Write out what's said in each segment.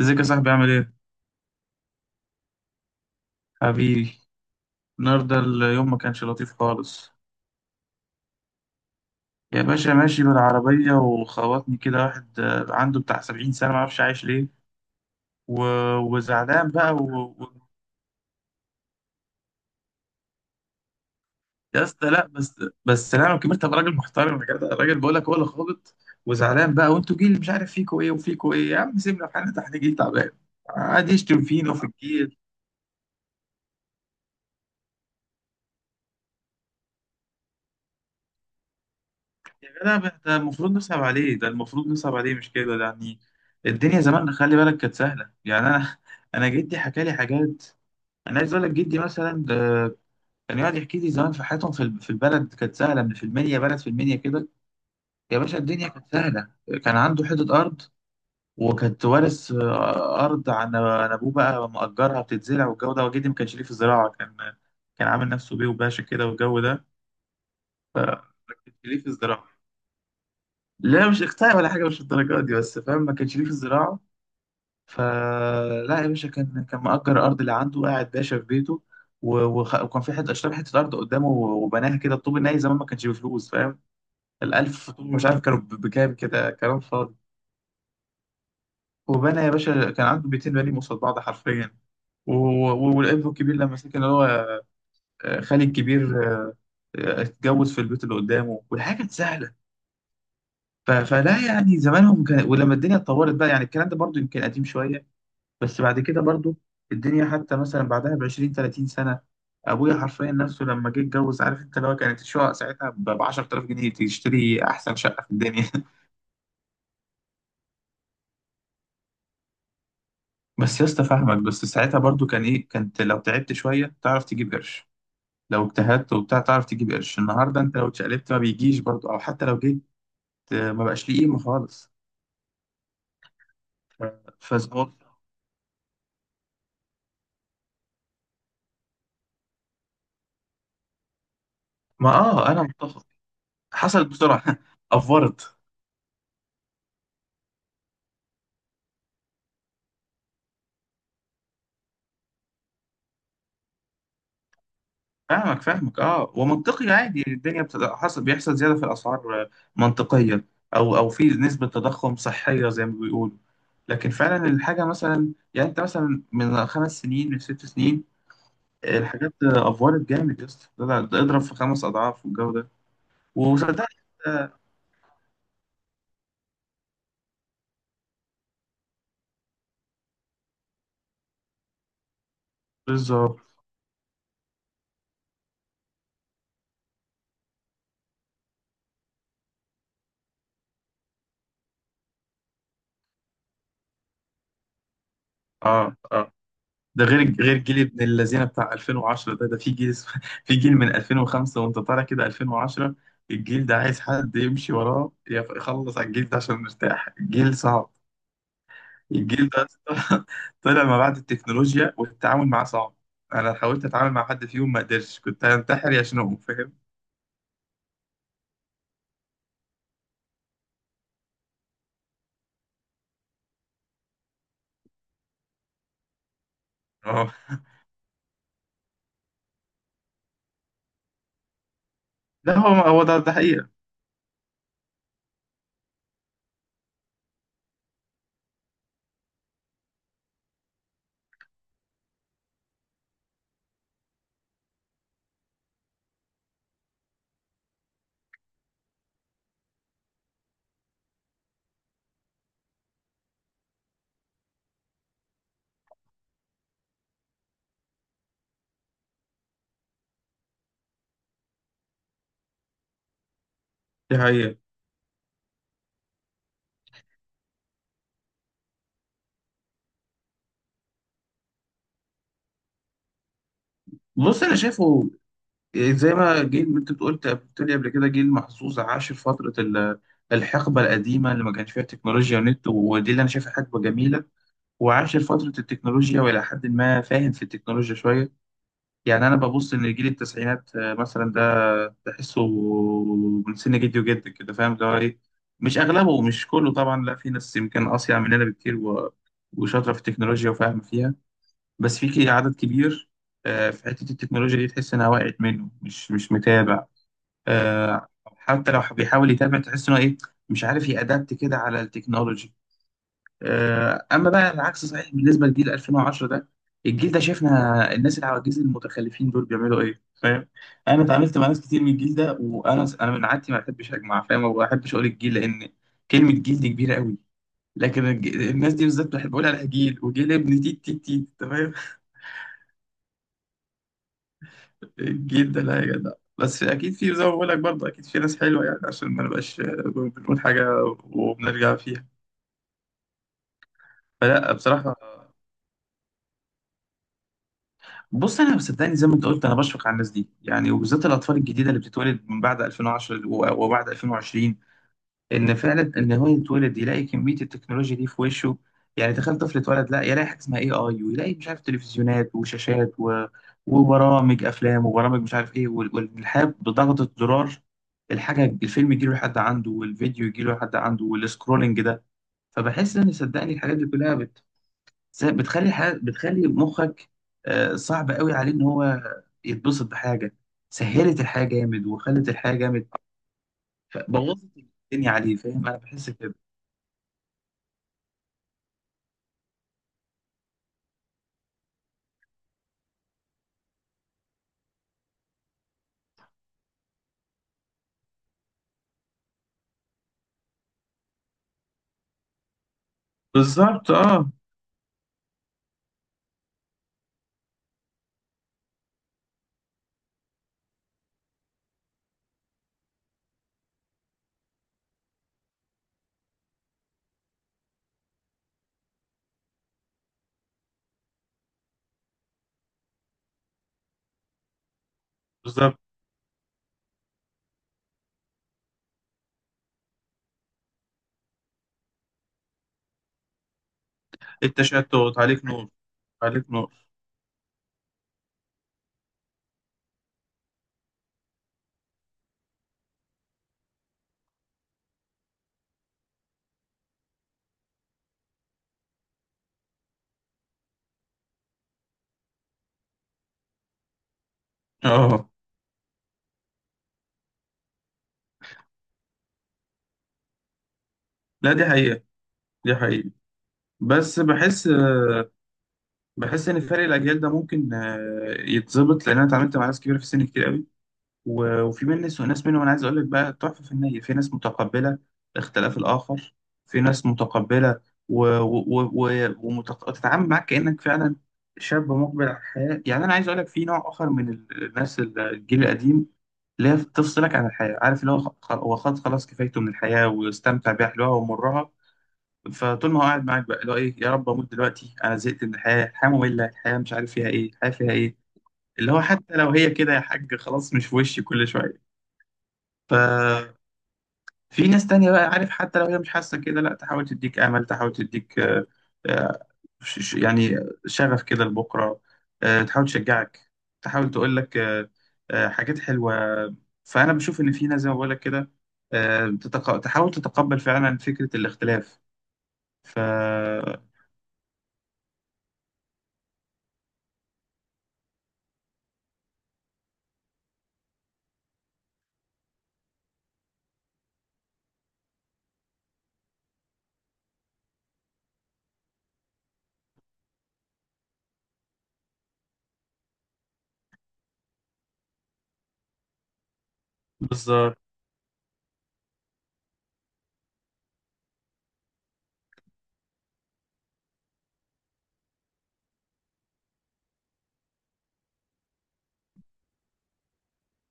ازيك يا صاحبي عامل ايه؟ حبيبي، النهارده اليوم ما كانش لطيف خالص. يا باشا ماشي بالعربية وخبطني كده واحد عنده بتاع سبعين سنة، ما اعرفش عايش ليه. و... وزعلان بقى يا اسطى لا بس. لا انا كبرت ابقى راجل محترم يا جدع، الراجل بقول لك هو اللي خابط. وزعلان بقى، وانتوا جيل مش عارف فيكوا ايه وفيكوا ايه. يا عم سيبنا في حالنا، ده احنا جيل تعبان قاعد يشتم فينا وفي الجيل. لا، ده المفروض نصعب عليه، ده المفروض نصعب عليه، مش كده؟ ده يعني الدنيا زمان خلي بالك كانت سهلة. يعني أنا جدي حكى لي حاجات. أنا عايز أقول لك جدي مثلا ده كان يقعد يحكي لي زمان في حياتهم، في البلد كانت سهلة، من في المنيا، بلد في المنيا كده. يا باشا الدنيا كانت سهلة، كان عنده حتة أرض، وكانت وارث أرض عن أبوه بقى، مأجرها بتتزرع والجو ده. وجدي ما كانش ليه في الزراعة، كان كان عامل نفسه بيه وباشا كده والجو ده. ما كانش ليه في الزراعة، لا مش اقتنع ولا حاجه، مش الدرجات دي، بس فاهم، ما كانش ليه في الزراعه. فلا يا باشا، كان كان مأجر أرض اللي عنده، قاعد باشا في بيته. وكان في حته، اشترى حته ارض قدامه وبناها كده، الطوب الناي زمان ما كانش بفلوس، فاهم؟ الالف طوب مش عارف كانوا بكام كده، كلام فاضي. وبنى يا باشا، كان عنده بيتين بني قصاد بعض حرفيا. و- والابن الكبير لما سكن، اللي هو خالي الكبير، اتجوز في البيت اللي قدامه، والحاجه كانت سهله. فلا يعني زمانهم كان، ولما الدنيا اتطورت بقى، يعني الكلام ده برضو يمكن قديم شويه، بس بعد كده برضو الدنيا حتى مثلا بعدها ب 20 30 سنة، أبويا حرفيا نفسه لما جه اتجوز، عارف أنت، لو كانت الشقة ساعتها ب 10000 جنيه تشتري أحسن شقة في الدنيا بس يا اسطى فاهمك، بس ساعتها برضو كان إيه، كانت لو تعبت شوية تعرف تجيب قرش، لو اجتهدت وبتاع تعرف تجيب قرش. النهاردة أنت لو اتشقلبت ما بيجيش برضو، أو حتى لو جيت ما بقاش ليه قيمة خالص. ف- فز ما أنا متفق، حصلت بسرعة أفورت. فاهمك فاهمك، اه ومنطقي عادي الدنيا حصل بيحصل زيادة في الأسعار، منطقية. أو أو في نسبة تضخم صحية زي ما بيقولوا، لكن فعلا الحاجة مثلا، يعني أنت مثلا من خمس سنين، من ست سنين، الحاجات أفورت جامد يا اسطى، ده اضرب في خمس أضعاف والجو ده. وصدقني بالظبط، اه اه. ده غير جيل ابن الذين بتاع 2010 ده، في جيل في جيل من 2005 وانت طالع كده 2010، الجيل ده عايز حد يمشي وراه يخلص على الجيل ده عشان نرتاح، الجيل صعب. الجيل ده أصلاً طلع ما بعد التكنولوجيا، والتعامل معاه صعب. انا حاولت اتعامل مع حد فيهم ما قدرتش، كنت هنتحر يا شنو، فاهم؟ اه. ده هو هو ده ده حقيقة، دي حقيقة. بص انا شايفه، زي ما انت قلت، قلت لي قبل كده، جيل محظوظ عاش في الحقبه القديمه اللي ما كانش فيها تكنولوجيا ونت، ودي اللي انا شايفها حقبه جميله، وعاش في فتره التكنولوجيا، والى حد ما فاهم في التكنولوجيا شويه. يعني انا ببص ان جيل التسعينات مثلا ده تحسه من سن جدي وجدك كده، فاهم اللي هو ايه، مش اغلبه، مش كله طبعا، لا في ناس يمكن اصيع مننا بكتير، وشاطره في التكنولوجيا وفاهمه فيها، بس في عدد كبير في حته التكنولوجيا دي تحس انها وقعت منه، مش مش متابع. آه، حتى لو بيحاول يتابع تحس انه ايه، مش عارف يأدبت كده على التكنولوجي. اما بقى العكس صحيح بالنسبه لجيل 2010 ده، الجيل ده شفنا الناس العواجيز المتخلفين دول بيعملوا ايه، فاهم. انا اتعاملت مع ناس كتير من الجيل ده، وانا من عادتي ما بحبش اجمع، فاهم، وما بحبش اقول الجيل، لان كلمه جيل دي كبيره قوي، لكن الناس دي بالذات بحب اقول عليها جيل وجيل ابن تيت تيت تيت، تمام جدا، لا يا جدع. بس اكيد في، زي ما بقول لك برضه، اكيد في ناس حلوه، يعني عشان ما نبقاش بنقول حاجه وبنرجع فيها، فلا بصراحه. بص انا صدقني زي ما انت قلت، انا بشفق على الناس دي يعني، وبالذات الاطفال الجديده اللي بتتولد من بعد 2010 وبعد 2020، ان فعلا ان هو يتولد يلاقي كميه التكنولوجيا دي في وشه. يعني تخيل طفل اتولد لا يلاقي حاجه اسمها اي اي، ويلاقي مش عارف تلفزيونات وشاشات وبرامج افلام وبرامج مش عارف ايه، والحياه بضغطه زرار، الحاجه الفيلم يجي له لحد عنده، والفيديو يجي له لحد عنده، والسكرولنج ده. فبحس ان صدقني الحاجات دي كلها بتخلي بتخلي مخك صعب قوي عليه ان هو يتبسط بحاجه، سهلت الحياه جامد وخلت الحياه جامد، بوظت الدنيا عليه، فاهم، انا بحس كده. بالظبط، اه بالظبط، التشتت، عليك نور، عليك نور. اه لا دي حقيقة، دي حقيقة. بس بحس بحس ان فرق الاجيال ده ممكن يتظبط، لان انا اتعاملت مع ناس كبيره في السن كتير قوي، وفي مني وناس منهم، انا عايز اقول لك بقى تحفه فنيه، في ناس متقبله اختلاف الاخر، في ناس متقبله وتتعامل معاك كانك فعلا شاب مقبل على الحياه. يعني انا عايز اقول لك في نوع اخر من الناس الجيل القديم، اللي هي تفصلك عن الحياة، عارف، اللي هو هو خلاص، خلاص كفايته من الحياة واستمتع بيها حلوها ومرها، فطول ما هو قاعد معاك بقى اللي هو ايه، يا رب اموت دلوقتي، انا زهقت من الحياة، الحياة مملة، الحياة مش عارف فيها ايه، الحياة فيها ايه. اللي هو حتى لو هي كده يا حاج خلاص، مش في وشي كل شوية. ف في ناس تانية بقى، عارف، حتى لو هي مش حاسة كده، لا تحاول تديك أمل، تحاول تديك آه، يعني شغف كده لبكرة، تحاول تشجعك، تحاول تقول لك حاجات حلوة. فأنا بشوف إن في ناس زي ما بقول لك كده، تحاول تتقبل فعلا فكرة الاختلاف. ف بالظبط.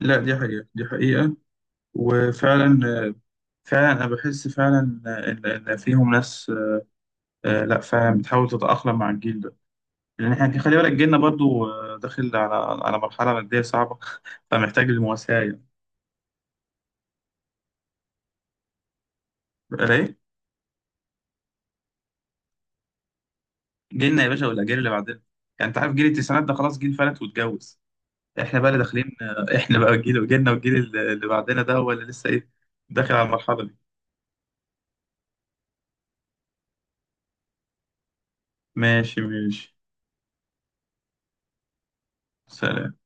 لا دي حقيقة، دي حقيقة. وفعلا فعلا أنا بحس فعلا إن فيهم ناس، لا فعلا بتحاول تتأقلم مع الجيل ده، لان احنا خلي بالك جيلنا برضو داخل على مرحله ماديه صعبه فمحتاج المواساه يعني. بقى ايه؟ جيلنا يا باشا والاجيال اللي بعدنا. يعني انت عارف جيل التسعينات ده خلاص جيل فلت واتجوز، احنا بقى اللي داخلين احنا بقى جيل جيلنا والجيل اللي بعدنا ده هو اللي لسه ايه، داخل على المرحله دي. ماشي ماشي، سلام.